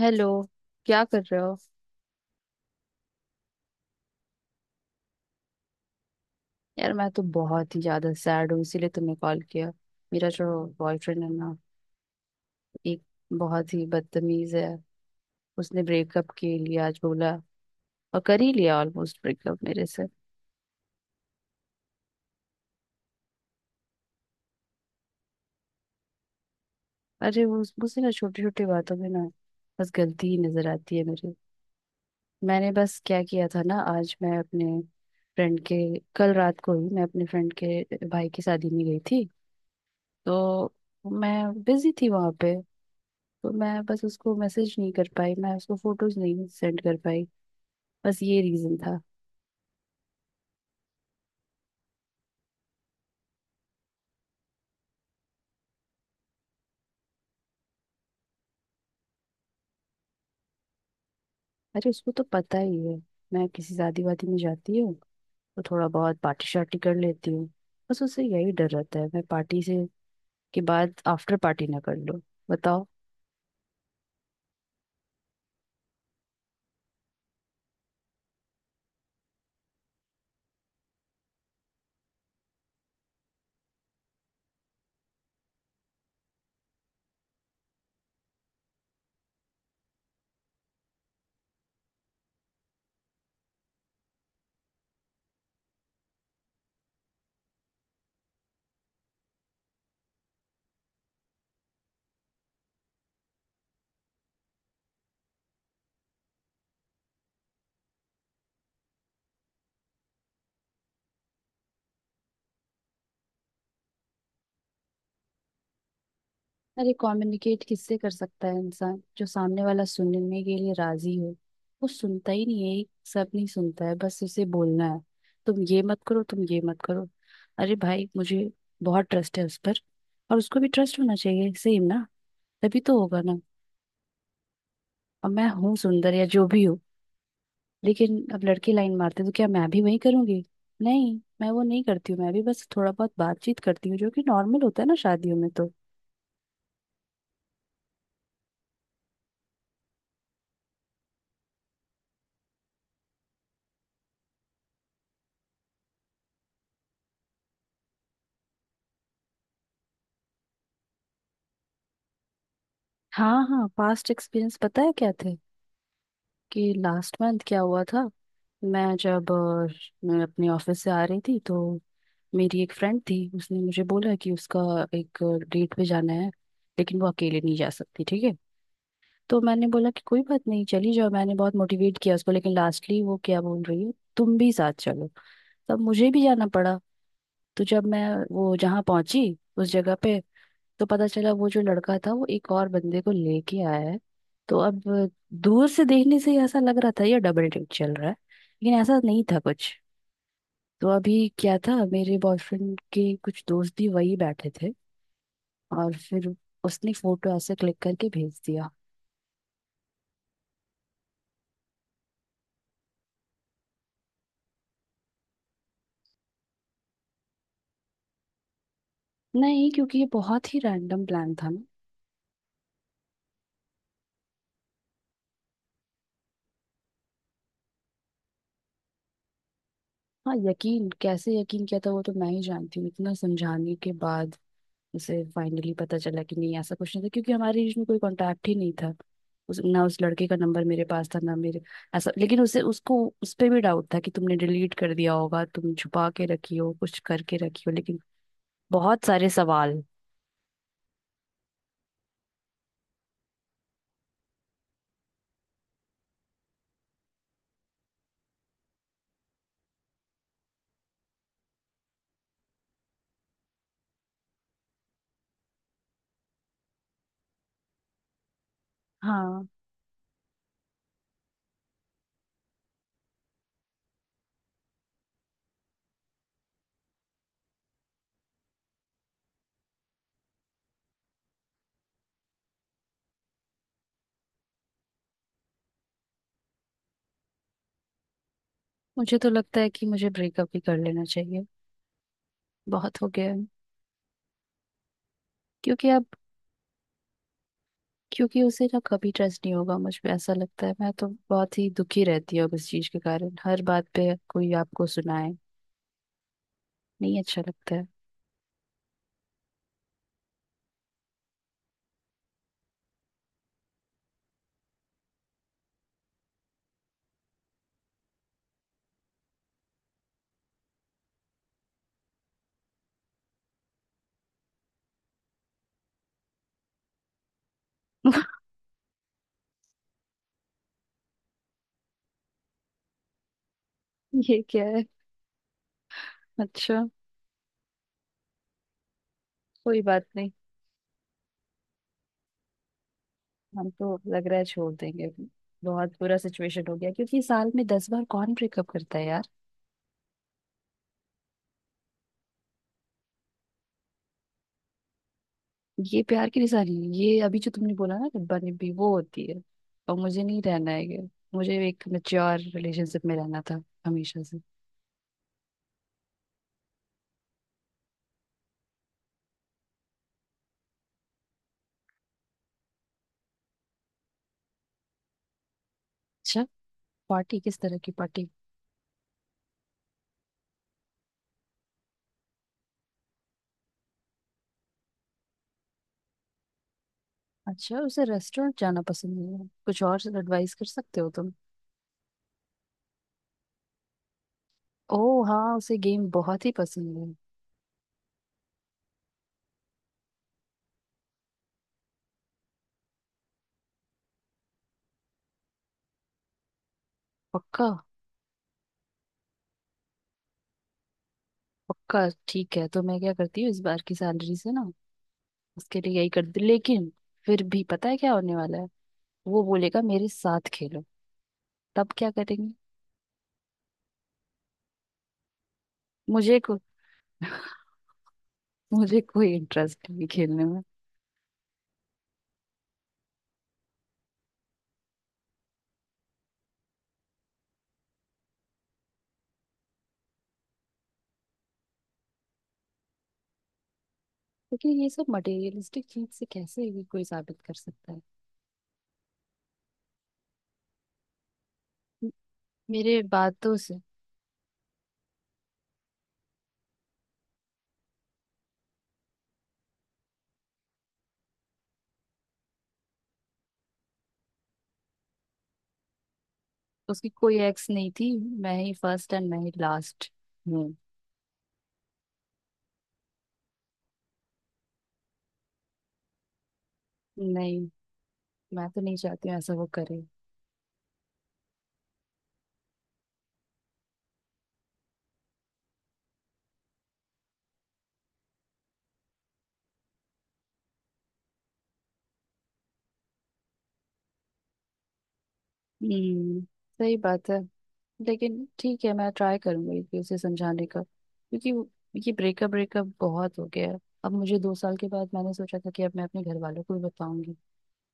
Hello. क्या कर रहे हो? यार, मैं तो बहुत ही ज्यादा सैड हूँ इसीलिए तुम्हें कॉल किया। मेरा जो बॉयफ्रेंड है ना, एक बहुत ही बदतमीज है। उसने ब्रेकअप के लिए आज बोला और कर ही लिया ऑलमोस्ट ब्रेकअप मेरे से। अरे वो मुझे ना छोटी छोटी बातों में ना बस गलती ही नजर आती है मेरी। मैंने बस क्या किया था ना, आज मैं अपने फ्रेंड के कल रात को ही मैं अपने फ्रेंड के भाई की शादी में गई थी। तो मैं बिजी थी वहां पे, तो मैं बस उसको मैसेज नहीं कर पाई, मैं उसको फोटोज नहीं सेंड कर पाई। बस ये रीजन था। अरे उसको तो पता ही है मैं किसी शादी वादी में जाती हूँ तो थोड़ा बहुत पार्टी शार्टी कर लेती हूँ। बस उससे यही डर रहता है मैं पार्टी से के बाद आफ्टर पार्टी ना कर लूँ। बताओ। अरे कम्युनिकेट किससे कर सकता है इंसान? जो सामने वाला सुनने के लिए राजी हो। वो सुनता ही नहीं है, एक सब नहीं सुनता है, बस उसे बोलना है, तुम ये मत करो, तुम ये मत करो। अरे भाई, मुझे बहुत ट्रस्ट है उस पर, और उसको भी ट्रस्ट होना चाहिए सेम ना, तभी तो होगा ना। अब मैं हूँ सुंदर या जो भी हूँ, लेकिन अब लड़के लाइन मारते तो क्या मैं भी वही करूंगी? नहीं, मैं वो नहीं करती हूँ। मैं भी बस थोड़ा बहुत बातचीत करती हूँ, जो कि नॉर्मल होता है ना शादियों में तो। हाँ हाँ, पास्ट एक्सपीरियंस पता है क्या थे, कि लास्ट मंथ क्या हुआ था। मैं जब मैं अपने ऑफिस से आ रही थी तो मेरी एक फ्रेंड थी, उसने मुझे बोला कि उसका एक डेट पे जाना है, लेकिन वो अकेले नहीं जा सकती ठीक है। तो मैंने बोला कि कोई बात नहीं चली जाओ, मैंने बहुत मोटिवेट किया उसको, लेकिन लास्टली वो क्या बोल रही है, तुम भी साथ चलो। तब मुझे भी जाना पड़ा। तो जब मैं वो जहाँ पहुंची उस जगह पे, तो पता चला वो जो लड़का था वो एक और बंदे को लेके आया है। तो अब दूर से देखने से ही ऐसा लग रहा था ये डबल डेट चल रहा है, लेकिन ऐसा नहीं था कुछ। तो अभी क्या था, मेरे बॉयफ्रेंड के कुछ दोस्त भी वही बैठे थे, और फिर उसने फोटो ऐसे क्लिक करके भेज दिया। नहीं, क्योंकि ये बहुत ही रैंडम प्लान था ना। हाँ यकीन, कैसे यकीन किया था वो तो मैं ही जानती हूँ। इतना समझाने के बाद उसे फाइनली पता चला कि नहीं ऐसा कुछ नहीं था, क्योंकि हमारे बीच में कोई कांटेक्ट ही नहीं था। उस लड़के का नंबर मेरे पास था ना मेरे ऐसा, लेकिन उसे उसको उस पे भी डाउट था कि तुमने डिलीट कर दिया होगा, तुम छुपा के रखी हो, कुछ करके रखी हो लेकिन। बहुत सारे सवाल। हाँ, मुझे तो लगता है कि मुझे ब्रेकअप ही कर लेना चाहिए। बहुत हो गया है। क्योंकि अब, क्योंकि उसे ना कभी ट्रस्ट नहीं होगा मुझ पे ऐसा लगता है। मैं तो बहुत ही दुखी रहती हूँ अब इस चीज के कारण। हर बात पे कोई आपको सुनाए, नहीं अच्छा लगता है। ये क्या है? अच्छा, कोई बात नहीं। हम तो लग रहा है छोड़ देंगे। बहुत बुरा सिचुएशन हो गया, क्योंकि साल में 10 बार कौन ब्रेकअप करता है यार? ये प्यार की निशानी है ये? अभी जो तुमने बोला ना डिब्बा डिब्बी, वो होती है। और मुझे नहीं रहना है ये, मुझे एक मेच्योर रिलेशनशिप में रहना था हमेशा से। अच्छा, पार्टी? किस तरह की पार्टी? अच्छा, उसे रेस्टोरेंट जाना पसंद नहीं है। कुछ और एडवाइस कर सकते हो तुम? ओह हाँ, उसे गेम बहुत ही पसंद है। पक्का? पक्का ठीक है, तो मैं क्या करती हूँ इस बार की सैलरी से ना उसके लिए यही कर दी, लेकिन फिर भी पता है क्या होने वाला है? वो बोलेगा मेरे साथ खेलो। तब क्या करेंगे? मुझे को मुझे कोई इंटरेस्ट नहीं खेलने में। क्योंकि ये सब मटेरियलिस्टिक चीज से कैसे भी कोई साबित कर सकता है? म- मेरे बातों से। उसकी कोई एक्स नहीं थी। मैं ही फर्स्ट एंड मैं ही लास्ट हूँ। नहीं, मैं तो नहीं चाहती हूँ ऐसा वो करे। हम्म, सही बात है। लेकिन ठीक है, मैं ट्राई करूंगी कि उसे समझाने का, क्योंकि ये ब्रेकअप ब्रेकअप बहुत हो गया है। अब मुझे 2 साल के बाद मैंने सोचा था कि अब मैं अपने घर वालों को भी बताऊंगी,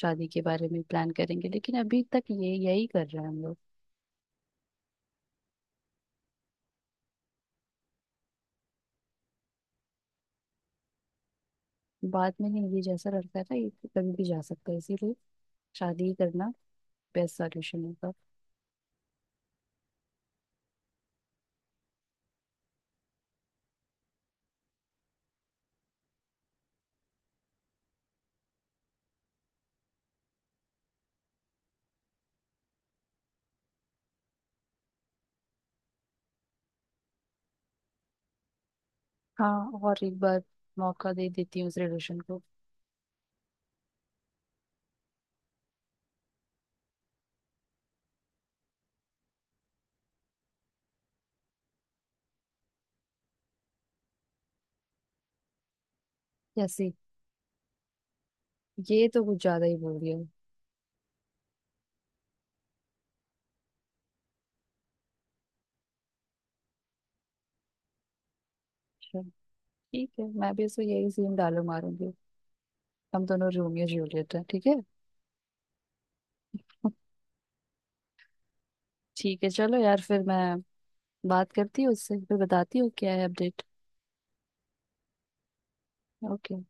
शादी के बारे में प्लान करेंगे, लेकिन अभी तक ये यही कर रहे हैं हम लोग। बाद में नहीं, ये जैसा लड़का है ना ये तो कभी भी जा सकता है, इसीलिए शादी ही करना बेस्ट सॉल्यूशन होगा। हाँ, और एक बार मौका दे देती हूँ उस रिलेशन को। जैसे, ये तो कुछ ज्यादा ही बोल दिया। अच्छा, ठीक है, मैं भी इसको यही सीन डालो मारूंगी, हम दोनों रोमियो जूलियट हैं ठीक है। ठीक है चलो यार, फिर मैं बात करती हूँ उससे, फिर बताती हूँ क्या है अपडेट। ओके।